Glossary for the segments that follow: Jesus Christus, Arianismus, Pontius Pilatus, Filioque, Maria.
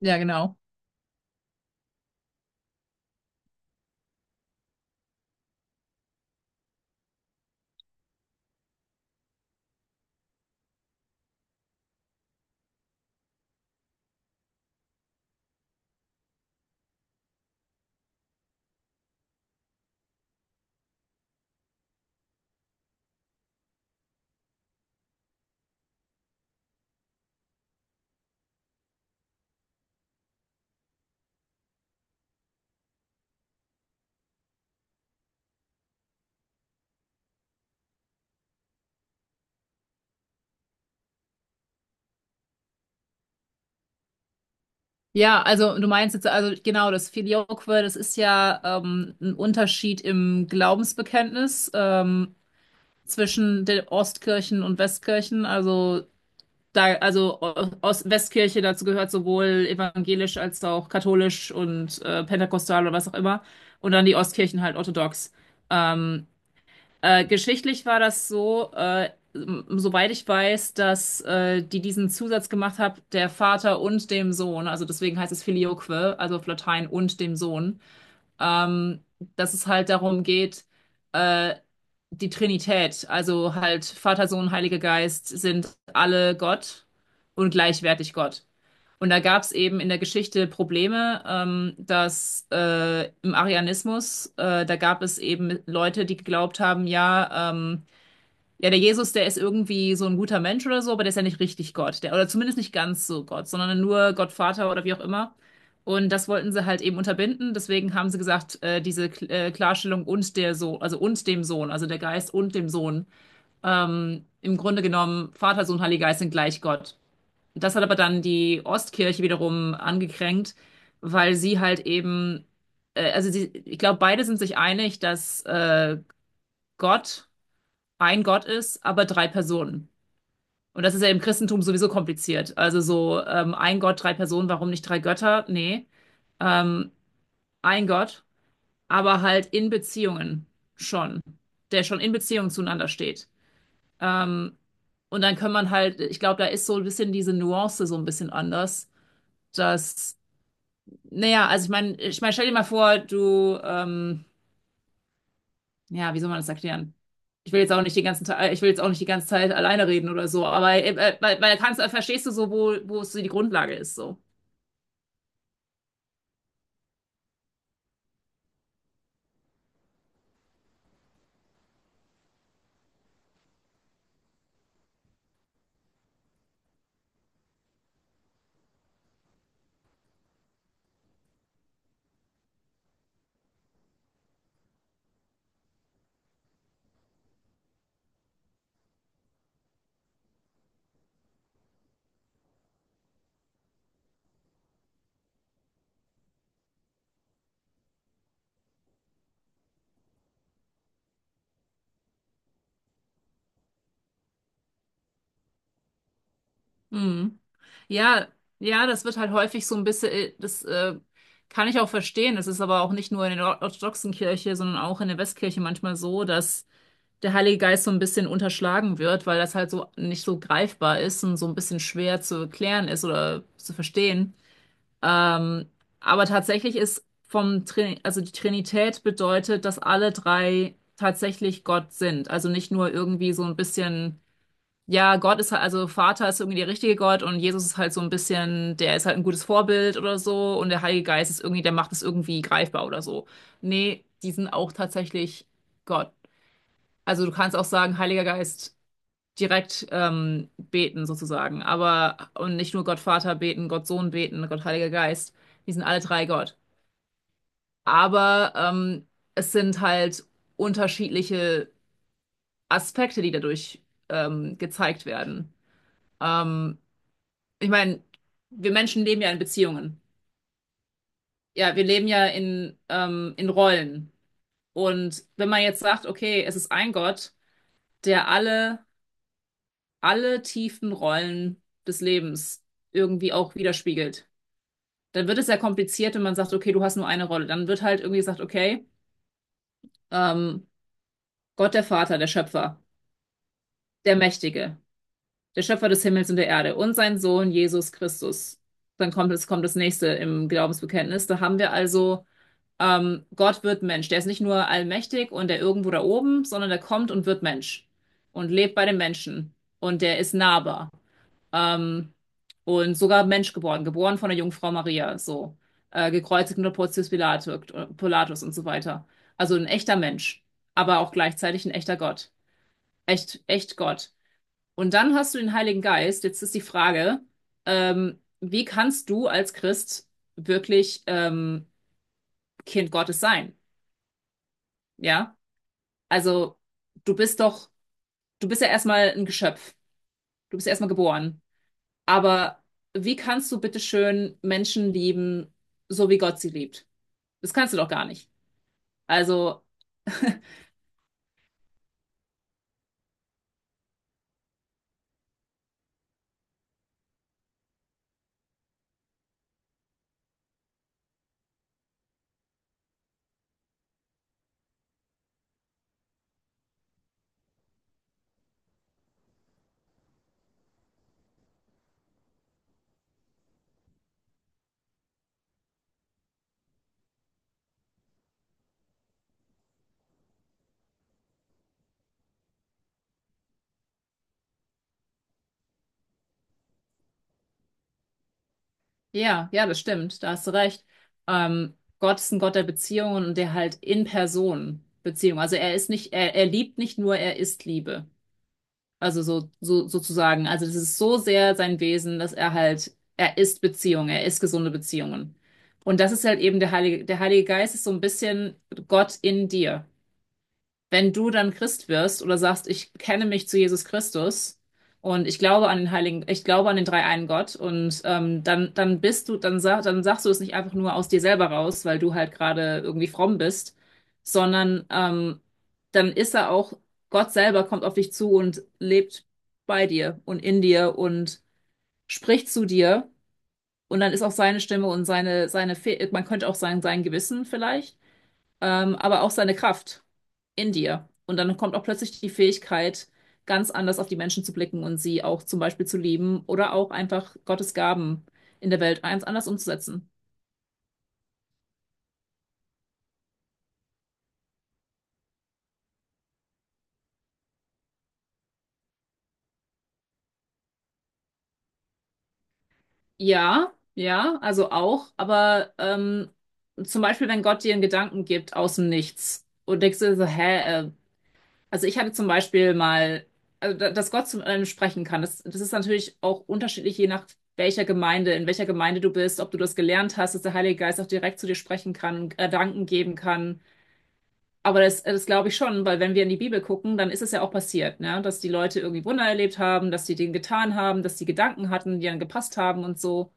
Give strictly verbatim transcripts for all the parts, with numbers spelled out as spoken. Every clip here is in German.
Ja, genau. Ja, also du meinst jetzt, also genau, das Filioque, das ist ja ähm, ein Unterschied im Glaubensbekenntnis ähm, zwischen den Ostkirchen und Westkirchen. Also da, also O- Ost Westkirche, dazu gehört sowohl evangelisch als auch katholisch und äh, pentekostal oder was auch immer. Und dann die Ostkirchen halt orthodox. Ähm, Äh, geschichtlich war das so, äh, m- soweit ich weiß, dass äh, die diesen Zusatz gemacht haben, der Vater und dem Sohn, also deswegen heißt es Filioque, also auf Latein und dem Sohn, ähm, dass es halt darum geht, äh, die Trinität, also halt Vater, Sohn, Heiliger Geist, sind alle Gott und gleichwertig Gott. Und da gab es eben in der Geschichte Probleme, ähm, dass äh, im Arianismus äh, da gab es eben Leute, die geglaubt haben, ja, ähm, ja, der Jesus, der ist irgendwie so ein guter Mensch oder so, aber der ist ja nicht richtig Gott. Der, oder zumindest nicht ganz so Gott, sondern nur Gott Vater oder wie auch immer. Und das wollten sie halt eben unterbinden. Deswegen haben sie gesagt, äh, diese K äh, Klarstellung und der Sohn, also und dem Sohn, also der Geist und dem Sohn. Ähm, im Grunde genommen, Vater, Sohn, Heiliger Geist sind gleich Gott. Das hat aber dann die Ostkirche wiederum angekränkt, weil sie halt eben, äh, also sie, ich glaube, beide sind sich einig, dass äh, Gott ein Gott ist, aber drei Personen. Und das ist ja im Christentum sowieso kompliziert. Also so ähm, ein Gott, drei Personen, warum nicht drei Götter? Nee, ähm, ein Gott, aber halt in Beziehungen schon, der schon in Beziehungen zueinander steht. Ähm, und dann kann man halt, ich glaube, da ist so ein bisschen diese Nuance so ein bisschen anders, dass, naja, also ich meine, ich meine, stell dir mal vor, du, ähm, ja, wie soll man das erklären? Ich will jetzt auch nicht die ganzen, Te- ich will jetzt auch nicht die ganze Zeit alleine reden oder so, aber äh, äh, weil, weil kannst, verstehst du so, wo, wo es so die Grundlage ist, so. Hm. Ja, ja, das wird halt häufig so ein bisschen, äh, das äh, kann ich auch verstehen. Das ist aber auch nicht nur in der orthodoxen Kirche, sondern auch in der Westkirche manchmal so, dass der Heilige Geist so ein bisschen unterschlagen wird, weil das halt so nicht so greifbar ist und so ein bisschen schwer zu erklären ist oder zu verstehen. Ähm, aber tatsächlich ist vom Trin also die Trinität bedeutet, dass alle drei tatsächlich Gott sind. Also nicht nur irgendwie so ein bisschen ja, Gott ist halt, also Vater ist irgendwie der richtige Gott und Jesus ist halt so ein bisschen, der ist halt ein gutes Vorbild oder so und der Heilige Geist ist irgendwie, der macht es irgendwie greifbar oder so. Nee, die sind auch tatsächlich Gott. Also du kannst auch sagen, Heiliger Geist direkt ähm, beten sozusagen, aber und nicht nur Gott Vater beten, Gott Sohn beten, Gott Heiliger Geist. Die sind alle drei Gott. Aber ähm, es sind halt unterschiedliche Aspekte, die dadurch ähm, gezeigt werden. Ähm, ich meine, wir Menschen leben ja in Beziehungen. Ja, wir leben ja in, ähm, in Rollen. Und wenn man jetzt sagt, okay, es ist ein Gott, der alle, alle tiefen Rollen des Lebens irgendwie auch widerspiegelt, dann wird es ja kompliziert, wenn man sagt, okay, du hast nur eine Rolle. Dann wird halt irgendwie gesagt, okay, ähm, Gott der Vater, der Schöpfer, der Mächtige, der Schöpfer des Himmels und der Erde und sein Sohn Jesus Christus. Dann kommt es, kommt das nächste im Glaubensbekenntnis. Da haben wir also: Ähm, Gott wird Mensch. Der ist nicht nur allmächtig und der irgendwo da oben, sondern der kommt und wird Mensch und lebt bei den Menschen und der ist nahbar. Ähm, und sogar Mensch geboren, geboren von der Jungfrau Maria, so äh, gekreuzigt unter Pontius Pilatus, Pilatus und so weiter. Also ein echter Mensch, aber auch gleichzeitig ein echter Gott, echt, echt Gott. Und dann hast du den Heiligen Geist. Jetzt ist die Frage, ähm, wie kannst du als Christ wirklich ähm, Kind Gottes sein? Ja? Also, du bist doch, du bist ja erstmal ein Geschöpf. Du bist ja erstmal geboren. Aber wie kannst du bitte schön Menschen lieben, so wie Gott sie liebt? Das kannst du doch gar nicht. Also, ja, ja, das stimmt. Da hast du recht. Ähm, Gott ist ein Gott der Beziehungen und der halt in Person Beziehung. Also er ist nicht, er, er liebt nicht nur, er ist Liebe. Also so, so sozusagen. Also das ist so sehr sein Wesen, dass er halt, er ist Beziehung, er ist gesunde Beziehungen. Und das ist halt eben der Heilige, der Heilige Geist ist so ein bisschen Gott in dir, wenn du dann Christ wirst oder sagst, ich bekenne mich zu Jesus Christus und ich glaube an den Heiligen, ich glaube an den dreieinen Gott und ähm, dann, dann bist du, dann, sag, dann sagst du es nicht einfach nur aus dir selber raus, weil du halt gerade irgendwie fromm bist, sondern ähm, dann ist er auch, Gott selber kommt auf dich zu und lebt bei dir und in dir und spricht zu dir und dann ist auch seine Stimme und seine, seine, Fe man könnte auch sagen, sein Gewissen vielleicht ähm, aber auch seine Kraft in dir. Und dann kommt auch plötzlich die Fähigkeit, ganz anders auf die Menschen zu blicken und sie auch zum Beispiel zu lieben oder auch einfach Gottes Gaben in der Welt ganz anders umzusetzen. Ja, ja, also auch, aber ähm, zum Beispiel, wenn Gott dir einen Gedanken gibt aus dem Nichts und denkst du so, hä, äh, also ich hatte zum Beispiel mal, also da- dass Gott zu einem sprechen kann. Das, das ist natürlich auch unterschiedlich, je nach welcher Gemeinde, in welcher Gemeinde du bist, ob du das gelernt hast, dass der Heilige Geist auch direkt zu dir sprechen kann, Gedanken geben kann. Aber das, das glaube ich schon, weil wenn wir in die Bibel gucken, dann ist es ja auch passiert, ne? Dass die Leute irgendwie Wunder erlebt haben, dass die Dinge getan haben, dass die Gedanken hatten, die dann gepasst haben und so.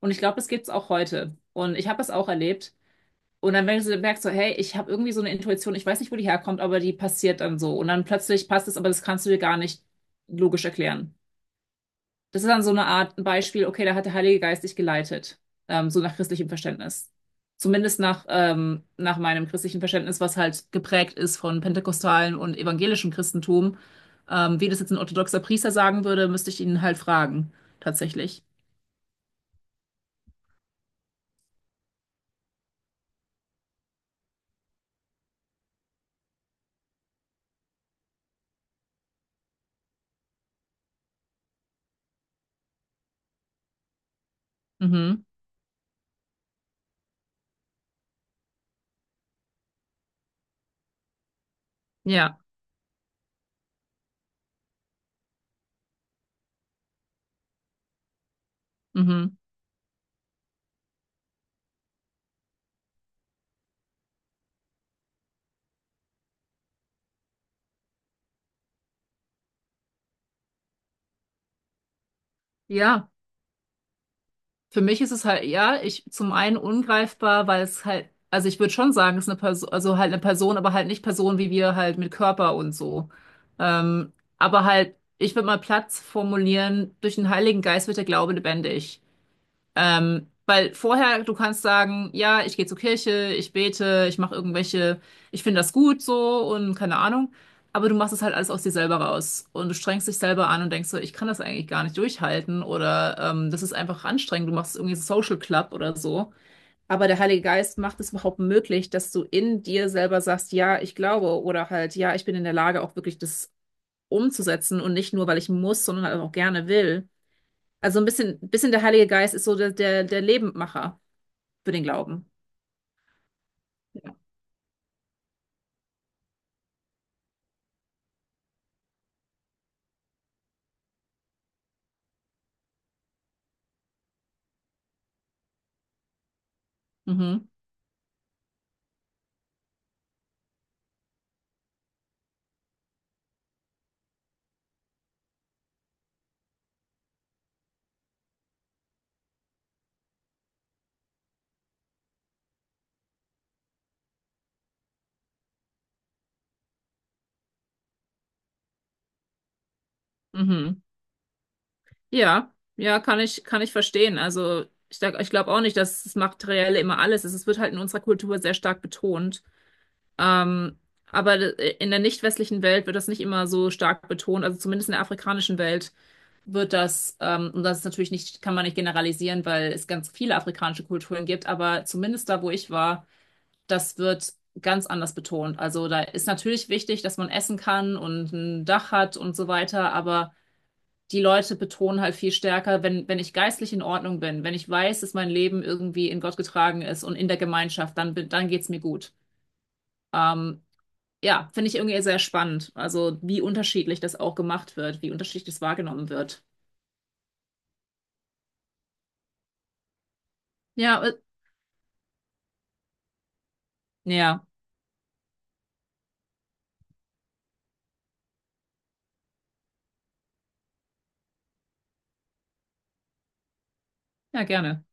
Und ich glaube, das gibt's auch heute. Und ich habe es auch erlebt. Und dann merkst du so merkst, so, hey, ich habe irgendwie so eine Intuition, ich weiß nicht, wo die herkommt, aber die passiert dann so. Und dann plötzlich passt es, aber das kannst du dir gar nicht logisch erklären. Das ist dann so eine Art Beispiel, okay, da hat der Heilige Geist dich geleitet, ähm, so nach christlichem Verständnis. Zumindest nach, ähm, nach meinem christlichen Verständnis, was halt geprägt ist von pentekostalen und evangelischem Christentum. Ähm, wie das jetzt ein orthodoxer Priester sagen würde, müsste ich ihn halt fragen, tatsächlich. Mhm. Ja. Mhm. Ja. Für mich ist es halt, ja, ich zum einen ungreifbar, weil es halt, also ich würde schon sagen, es ist eine Person, also halt eine Person, aber halt nicht Person wie wir halt mit Körper und so. Ähm, aber halt, ich würde mal Platz formulieren, durch den Heiligen Geist wird der Glaube lebendig. Ähm, weil vorher, du kannst sagen, ja, ich gehe zur Kirche, ich bete, ich mache irgendwelche, ich finde das gut so und keine Ahnung. Aber du machst es halt alles aus dir selber raus. Und du strengst dich selber an und denkst so, ich kann das eigentlich gar nicht durchhalten oder ähm, das ist einfach anstrengend. Du machst irgendwie so Social Club oder so. Aber der Heilige Geist macht es überhaupt möglich, dass du in dir selber sagst, ja, ich glaube oder halt, ja, ich bin in der Lage, auch wirklich das umzusetzen und nicht nur, weil ich muss, sondern halt auch gerne will. Also ein bisschen, bisschen der Heilige Geist ist so der, der, der Lebendmacher für den Glauben. Ja. Mhm. Mhm. Ja, ja, kann ich, kann ich verstehen. Also ich, sag- ich glaube auch nicht, dass das Materielle immer alles ist. Es wird halt in unserer Kultur sehr stark betont. Ähm, aber in der nicht westlichen Welt wird das nicht immer so stark betont. Also zumindest in der afrikanischen Welt wird das, ähm, und das ist natürlich nicht, kann man nicht generalisieren, weil es ganz viele afrikanische Kulturen gibt, aber zumindest da, wo ich war, das wird ganz anders betont. Also da ist natürlich wichtig, dass man essen kann und ein Dach hat und so weiter, aber die Leute betonen halt viel stärker, wenn, wenn ich geistlich in Ordnung bin, wenn ich weiß, dass mein Leben irgendwie in Gott getragen ist und in der Gemeinschaft, dann, bin- dann geht's mir gut. Ähm, ja, finde ich irgendwie sehr spannend. Also wie unterschiedlich das auch gemacht wird, wie unterschiedlich das wahrgenommen wird. Ja, äh, ja, ja, gerne.